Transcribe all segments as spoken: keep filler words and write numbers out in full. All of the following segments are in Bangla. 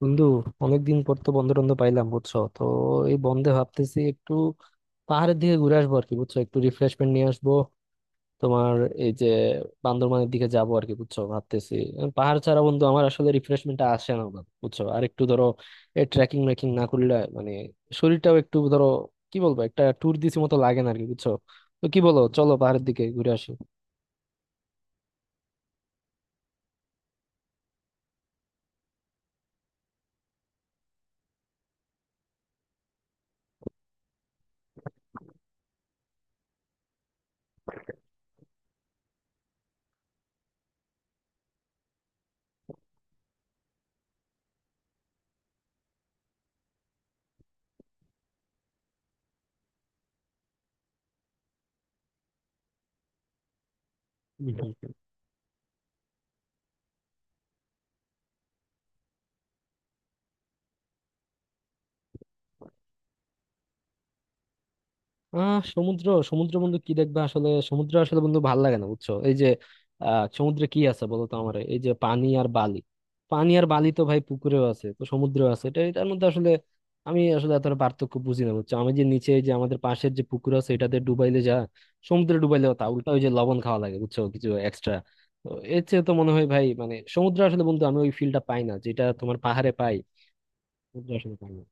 বন্ধু, অনেকদিন পর তো বন্ধ টন্ধ পাইলাম, বুঝছো তো। এই বন্ধে ভাবতেছি একটু পাহাড়ের দিকে ঘুরে আসবো আর কি, বুঝছো, একটু রিফ্রেশমেন্ট নিয়ে আসবো তোমার। এই যে বান্দরবানের দিকে যাবো আর কি, বুঝছো, ভাবতেছি। আহ, পাহাড় ছাড়া বন্ধু আমার আসলে রিফ্রেশমেন্ট আসে না বাবা, বুঝছো। আর একটু ধরো ট্রেকিং মেকিং না করলে মানে শরীরটাও একটু ধরো কি বলবো, একটা ট্যুর দিছি মতো লাগে না আর কি, বুঝছো। তো কি বলো, চলো পাহাড়ের দিকে ঘুরে আসি। হুম, হুম। আহ সমুদ্র সমুদ্র বন্ধু কি দেখবা, আসলে সমুদ্র আসলে বন্ধু ভাল লাগে না, বুঝছো। এই যে আহ সমুদ্রে কি আছে বলো তো আমার, এই যে পানি আর বালি। পানি আর বালি তো ভাই পুকুরেও আছে, তো সমুদ্রেও আছে, এটা এটার মধ্যে আসলে আমি আসলে এতটা পার্থক্য বুঝি না, বুঝছো। আমি যে নিচে এই যে আমাদের পাশের যে পুকুর আছে এটাতে ডুবাইলে যা, সমুদ্রে ডুবাইলেও তা, উল্টা ওই যে লবণ খাওয়া লাগে, বুঝছো, কিছু এক্সট্রা। তো এর চেয়ে তো মনে হয় ভাই, মানে সমুদ্র আসলে বন্ধু আমি ওই ফিলটা পাই না যেটা তোমার পাহাড়ে পাই, সমুদ্রে আসলে পাই না।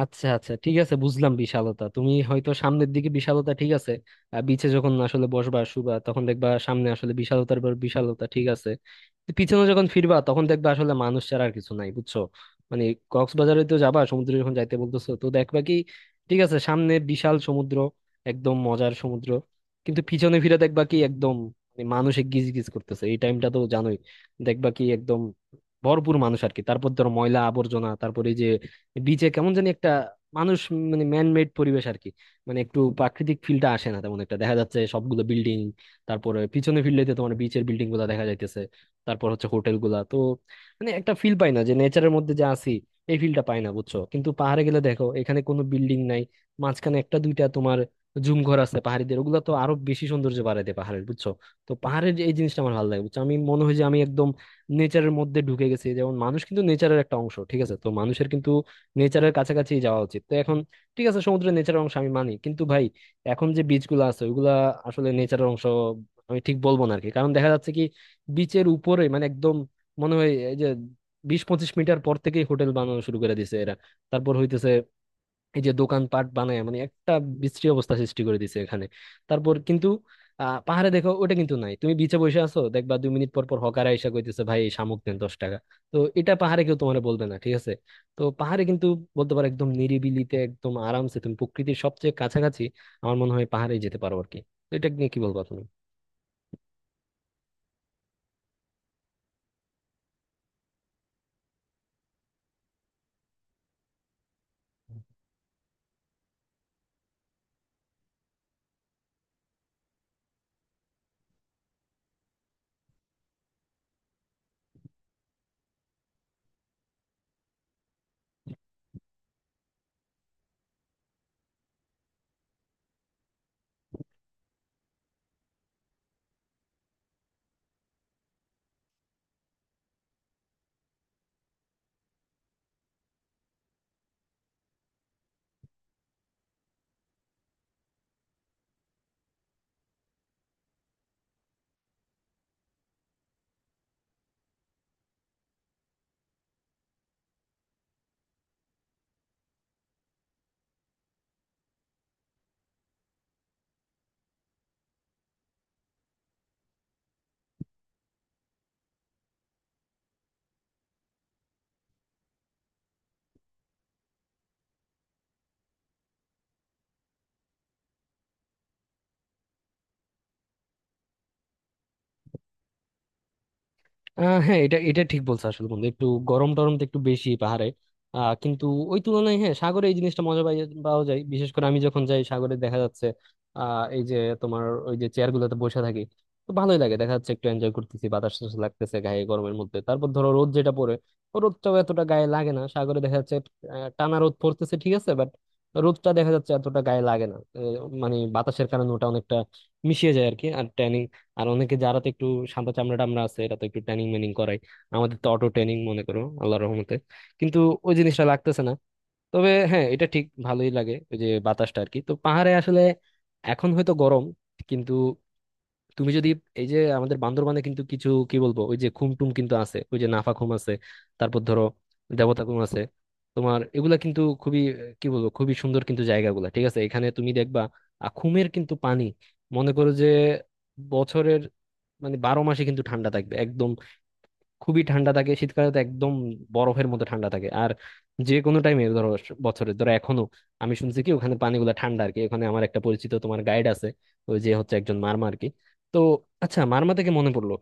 আচ্ছা আচ্ছা, ঠিক আছে, বুঝলাম বিশালতা। তুমি হয়তো সামনের দিকে বিশালতা, ঠিক আছে। আহ, বিচে যখন আসলে বসবা শুবা তখন দেখবা সামনে আসলে বিশালতার পর বিশালতা, ঠিক আছে। তো পিছনে যখন ফিরবা তখন দেখবা আসলে মানুষ ছাড়া আর কিছু নাই, বুঝছো। মানে কক্সবাজারে তো যাবা, সমুদ্রে যখন যাইতে বলতেছো, তো দেখবা কি, ঠিক আছে, সামনে বিশাল সমুদ্র, একদম মজার সমুদ্র, কিন্তু পিছনে ফিরে দেখবা কি একদম মানে মানুষে গিজ গিজ করতেছে, এই টাইমটা তো জানোই। দেখবা কি একদম ভরপুর মানুষ আর কি, তারপর ধরো ময়লা আবর্জনা, তারপরে বিচে কেমন জানি একটা মানুষ, মানে ম্যান মেড পরিবেশ আর কি। মানে একটু প্রাকৃতিক ফিলটা আসে না তেমন একটা, দেখা যাচ্ছে সবগুলো বিল্ডিং। তারপরে পিছনে ফিরলেতে তোমার বিচের বিল্ডিং গুলা দেখা যাইতেছে, তারপর হচ্ছে হোটেল গুলা তো, মানে একটা ফিল পাই না যে নেচারের মধ্যে যে আছি, এই ফিলটা পাই না, বুঝছো। কিন্তু পাহাড়ে গেলে দেখো এখানে কোনো বিল্ডিং নাই, মাঝখানে একটা দুইটা তোমার জুম ঘর আছে পাহাড়িদের, ওগুলা তো আরো বেশি সৌন্দর্য বাড়ায় দেয় পাহাড়ের, বুঝছো। তো পাহাড়ের এই জিনিসটা আমার ভালো লাগে, বুঝছো, আমি মনে হয় যে আমি একদম নেচারের মধ্যে ঢুকে গেছি। যেমন মানুষ কিন্তু নেচারের একটা অংশ, ঠিক আছে, তো মানুষের কিন্তু নেচারের কাছাকাছি যাওয়া উচিত। তো এখন ঠিক আছে, সমুদ্রের নেচারের অংশ আমি মানি, কিন্তু ভাই এখন যে বিচগুলো আছে ওইগুলা আসলে নেচারের অংশ আমি ঠিক বলবো না আরকি, কারণ দেখা যাচ্ছে কি বিচের উপরে মানে একদম মনে হয় এই যে বিশ পঁচিশ মিটার পর থেকেই হোটেল বানানো শুরু করে দিছে এরা। তারপর হইতেছে এই যে দোকানপাট বানায়, মানে একটা বিশ্রী অবস্থা সৃষ্টি করে দিছে এখানে। তারপর কিন্তু আহ পাহাড়ে দেখো ওটা কিন্তু নাই। তুমি বিচে বসে আছো, দেখবা দুই মিনিট পর পর হকার আইসা কইতেছে, ভাই এই শামুক দেন দশ টাকা। তো এটা পাহাড়ে কেউ তোমার বলবে না, ঠিক আছে। তো পাহাড়ে কিন্তু বলতে পারো একদম নিরিবিলিতে একদম আরামসে তুমি প্রকৃতির সবচেয়ে কাছাকাছি। আমার মনে হয় পাহাড়ে যেতে পারো আর কি। তো এটা নিয়ে কি বলবা তুমি? আহ হ্যাঁ এটা এটা ঠিক বলছো আসলে বন্ধু, একটু গরম টরম তো একটু বেশি পাহাড়ে। আহ কিন্তু ওই তুলনায় হ্যাঁ সাগরে এই জিনিসটা মজা পাই- পাওয়া যায়। বিশেষ করে আমি যখন যাই সাগরে দেখা যাচ্ছে আহ এই যে তোমার ওই যে চেয়ার গুলোতে বসে থাকি, তো ভালোই লাগে, দেখা যাচ্ছে একটু এনজয় করতেছি, বাতাস টাতাস লাগতেছে গায়ে গরমের মধ্যে। তারপর ধরো রোদ যেটা পড়ে, ও রোদটাও এতটা গায়ে লাগে না সাগরে, দেখা যাচ্ছে আহ, টানা রোদ পড়তেছে ঠিক আছে বাট রোদটা দেখা যাচ্ছে এতটা গায়ে লাগে না, আহ, মানে বাতাসের কারণে ওটা অনেকটা মিশিয়ে যায় আর কি। আর ট্যানিং, আর অনেকে যারা তো একটু সাদা চামড়া টামড়া আছে এরা তো একটু ট্রেনিং মেনিং করায়, আমাদের তো অটো ট্রেনিং মনে করো আল্লাহর রহমতে, কিন্তু ওই জিনিসটা লাগতেছে না। তবে হ্যাঁ এটা ঠিক, ভালোই লাগে ওই যে বাতাসটা আর কি। তো পাহাড়ে আসলে এখন হয়তো গরম কিন্তু তুমি যদি এই যে আমাদের বান্দরবানে কিন্তু কিছু কি বলবো ওই যে খুমটুম কিন্তু আছে, ওই যে নাফা খুম আছে, তারপর ধরো দেবতা খুম আছে তোমার, এগুলা কিন্তু খুবই আহ, কি বলবো, খুবই সুন্দর কিন্তু জায়গাগুলা, ঠিক আছে। এখানে তুমি দেখবা আ, খুমের কিন্তু পানি মনে করো যে বছরের মানে বারো মাসে কিন্তু ঠান্ডা থাকবে একদম, খুবই ঠান্ডা থাকে, শীতকালে তো একদম বরফের মতো ঠান্ডা থাকে। আর যে কোনো টাইমে ধরো বছরে ধরো এখনো আমি শুনছি কি ওখানে পানিগুলো ঠান্ডা আর কি। ওখানে আমার একটা পরিচিত তোমার গাইড আছে, ওই যে হচ্ছে একজন মারমা আর কি। তো আচ্ছা, মারমা থেকে মনে পড়লো,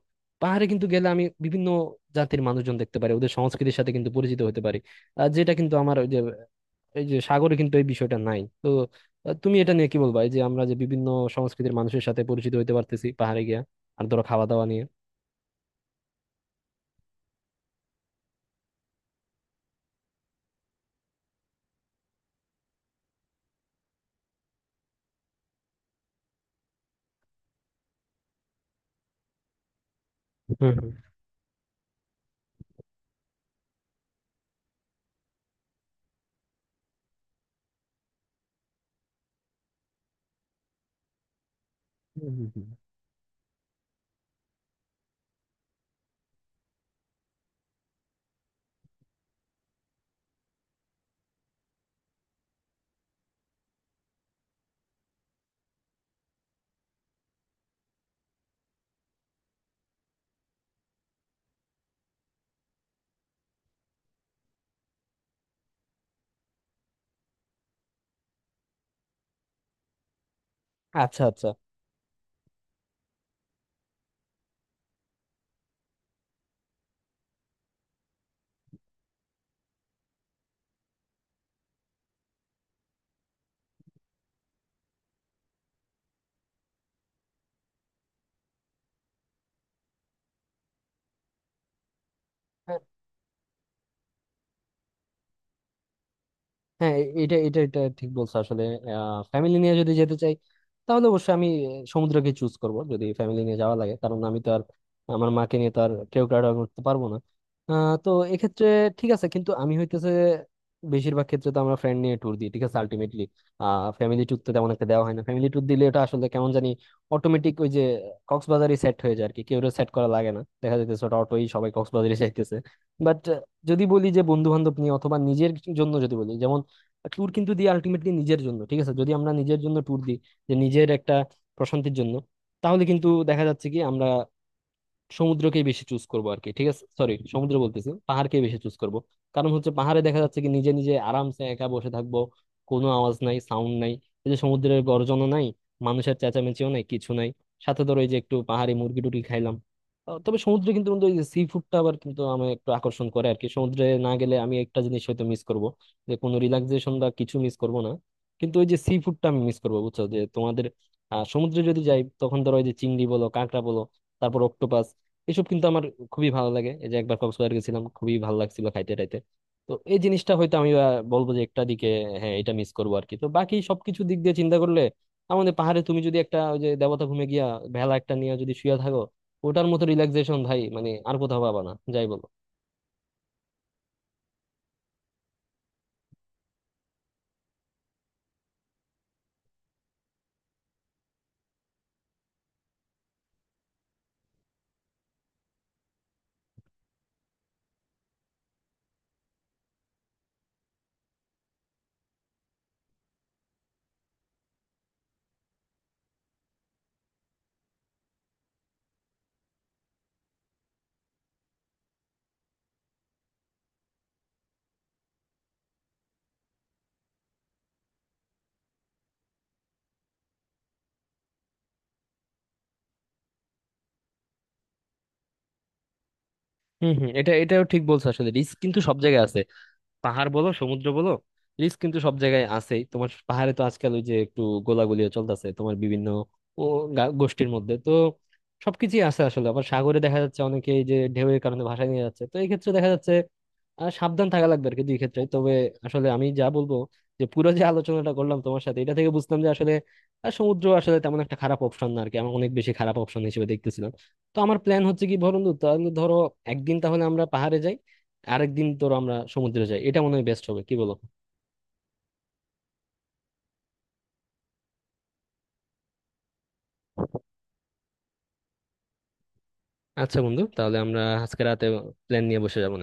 পাহাড়ে কিন্তু গেলে আমি বিভিন্ন জাতির মানুষজন দেখতে পারি, ওদের সংস্কৃতির সাথে কিন্তু পরিচিত হতে পারি। আর যেটা কিন্তু আমার ওই যে এই যে সাগরে কিন্তু এই বিষয়টা নাই তো। আহ, তুমি এটা নিয়ে কি বলবা, এই যে আমরা যে বিভিন্ন সংস্কৃতির মানুষের সাথে পরিচিত হতে পারতেছি পাহাড়ে গিয়া। আর ধরো খাওয়া দাওয়া নিয়ে। হুম, হুম। হুম, হুম, হুম। আচ্ছা আচ্ছা। হ্যাঁ এটা এটা এটা ঠিক বলছো আসলে। ফ্যামিলি নিয়ে যদি যেতে চাই তাহলে অবশ্যই আমি আহ, সমুদ্রকে চুজ করব যদি ফ্যামিলি নিয়ে যাওয়া লাগে, কারণ আমি তো আর আমার মাকে নিয়ে তো আর কেওক্রাডা করতে পারবো না। আহ, তো এক্ষেত্রে ঠিক আছে। কিন্তু আমি হইতেছে বেশিরভাগ ক্ষেত্রে তো আমরা ফ্রেন্ড নিয়ে ট্যুর দিই, ঠিক আছে, আলটিমেটলি আহ ফ্যামিলি ট্যুর তো তেমন একটা দেওয়া হয় না। ফ্যামিলি ট্যুর দিলে এটা আসলে কেমন জানি অটোমেটিক ওই যে কক্সবাজারই সেট হয়ে যায় আর কি, কেউ সেট করা লাগে না, দেখা যাইতেছে ওটা অটোই সবাই কক্সবাজারে যাইতেছে। বাট যদি বলি যে বন্ধু বান্ধব নিয়ে অথবা নিজের জন্য যদি বলি, ট্যুর কিন্তু দিই আলটিমেটলি নিজের জন্য ঠিক আছে। যদি আমরা নিজের জন্য ট্যুর দিই যে নিজের একটা প্রশান্তির জন্য, তাহলে কিন্তু দেখা যাচ্ছে কি আমরা সমুদ্রকেই বেশি চুজ করবো আর কি, ঠিক আছে সরি সমুদ্র বলতেছি, পাহাড়কেই বেশি চুজ করব। কারণ হচ্ছে পাহাড়ে দেখা যাচ্ছে কি নিজে নিজে আরামসে একা বসে থাকবো, কোনো আওয়াজ নাই সাউন্ড নাই, এই যে সমুদ্রের গর্জনও নাই, মানুষের চেঁচামেচিও নাই, কিছু নাই। সাথে ধরো এই যে একটু পাহাড়ি মুরগি টুরগি খাইলাম। আহ, তবে সমুদ্রে কিন্তু বন্ধু ওই যে সি ফুডটা আবার কিন্তু আমার একটু আকর্ষণ করে আর কি, সমুদ্রে না গেলে আমি একটা জিনিস হয়তো মিস করব, যে কোনো রিল্যাক্সেশন বা কিছু মিস করব না, কিন্তু ওই যে সি ফুডটা আমি মিস করবো, বুঝছো, যে তোমাদের আহ সমুদ্রে যদি যাই তখন ধরো ওই যে চিংড়ি বলো, কাঁকড়া বলো, তারপর অক্টোপাস, এসব কিন্তু আমার খুবই ভালো লাগে। এই যে একবার কক্সবাজার গেছিলাম, খুবই ভালো লাগছিল খাইতে টাইতে। তো এই জিনিসটা হয়তো আমি আহ, বলবো যে একটা দিকে হ্যাঁ এটা মিস করবো আর কি। তো বাকি সবকিছু দিক দিয়ে চিন্তা করলে আমাদের পাহাড়ে তুমি যদি একটা ওই যে দেবতা ভূমে গিয়া ভেলা একটা নিয়ে যদি শুয়ে থাকো, ওটার মতো রিল্যাক্সেশন ভাই মানে আর কোথাও পাবা না যাই বলো। হম হম, এটা এটাও ঠিক বলছো আসলে, রিস্ক কিন্তু সব জায়গায়, পাহাড় বলো সমুদ্র বলো, রিস্ক কিন্তু সব জায়গায় আছেই। তোমার পাহাড়ে তো আজকাল ওই যে একটু গোলাগুলিও চলতেছে তোমার বিভিন্ন ও গা- গোষ্ঠীর মধ্যে তো সবকিছুই আছে আসলে। আবার সাগরে দেখা যাচ্ছে অনেকে এই যে ঢেউয়ের কারণে ভাসায় নিয়ে যাচ্ছে, তো এই ক্ষেত্রে দেখা যাচ্ছে আহ সাবধান থাকা লাগবে আর কি দুই ক্ষেত্রে। তবে আসলে আমি যা বলবো, যে পুরো যে আলোচনাটা করলাম তোমার সাথে এটা থেকে বুঝলাম যে আসলে আহ, সমুদ্র আসলে তেমন একটা খারাপ অপশন না আর কি, আমি অনেক বেশি খারাপ অপশন হিসেবে দেখতেছিলাম। তো আমার প্ল্যান হচ্ছে কি বন্ধু, তাহলে ধরো একদিন তাহলে আমরা পাহাড়ে যাই, আরেকদিন ধরো আমরা সমুদ্রে যাই, এটা মনে হয় বেস্ট হবে কি বলো। আচ্ছা বন্ধু, তাহলে আমরা আজকে রাতে প্ল্যান নিয়ে বসে যাবো।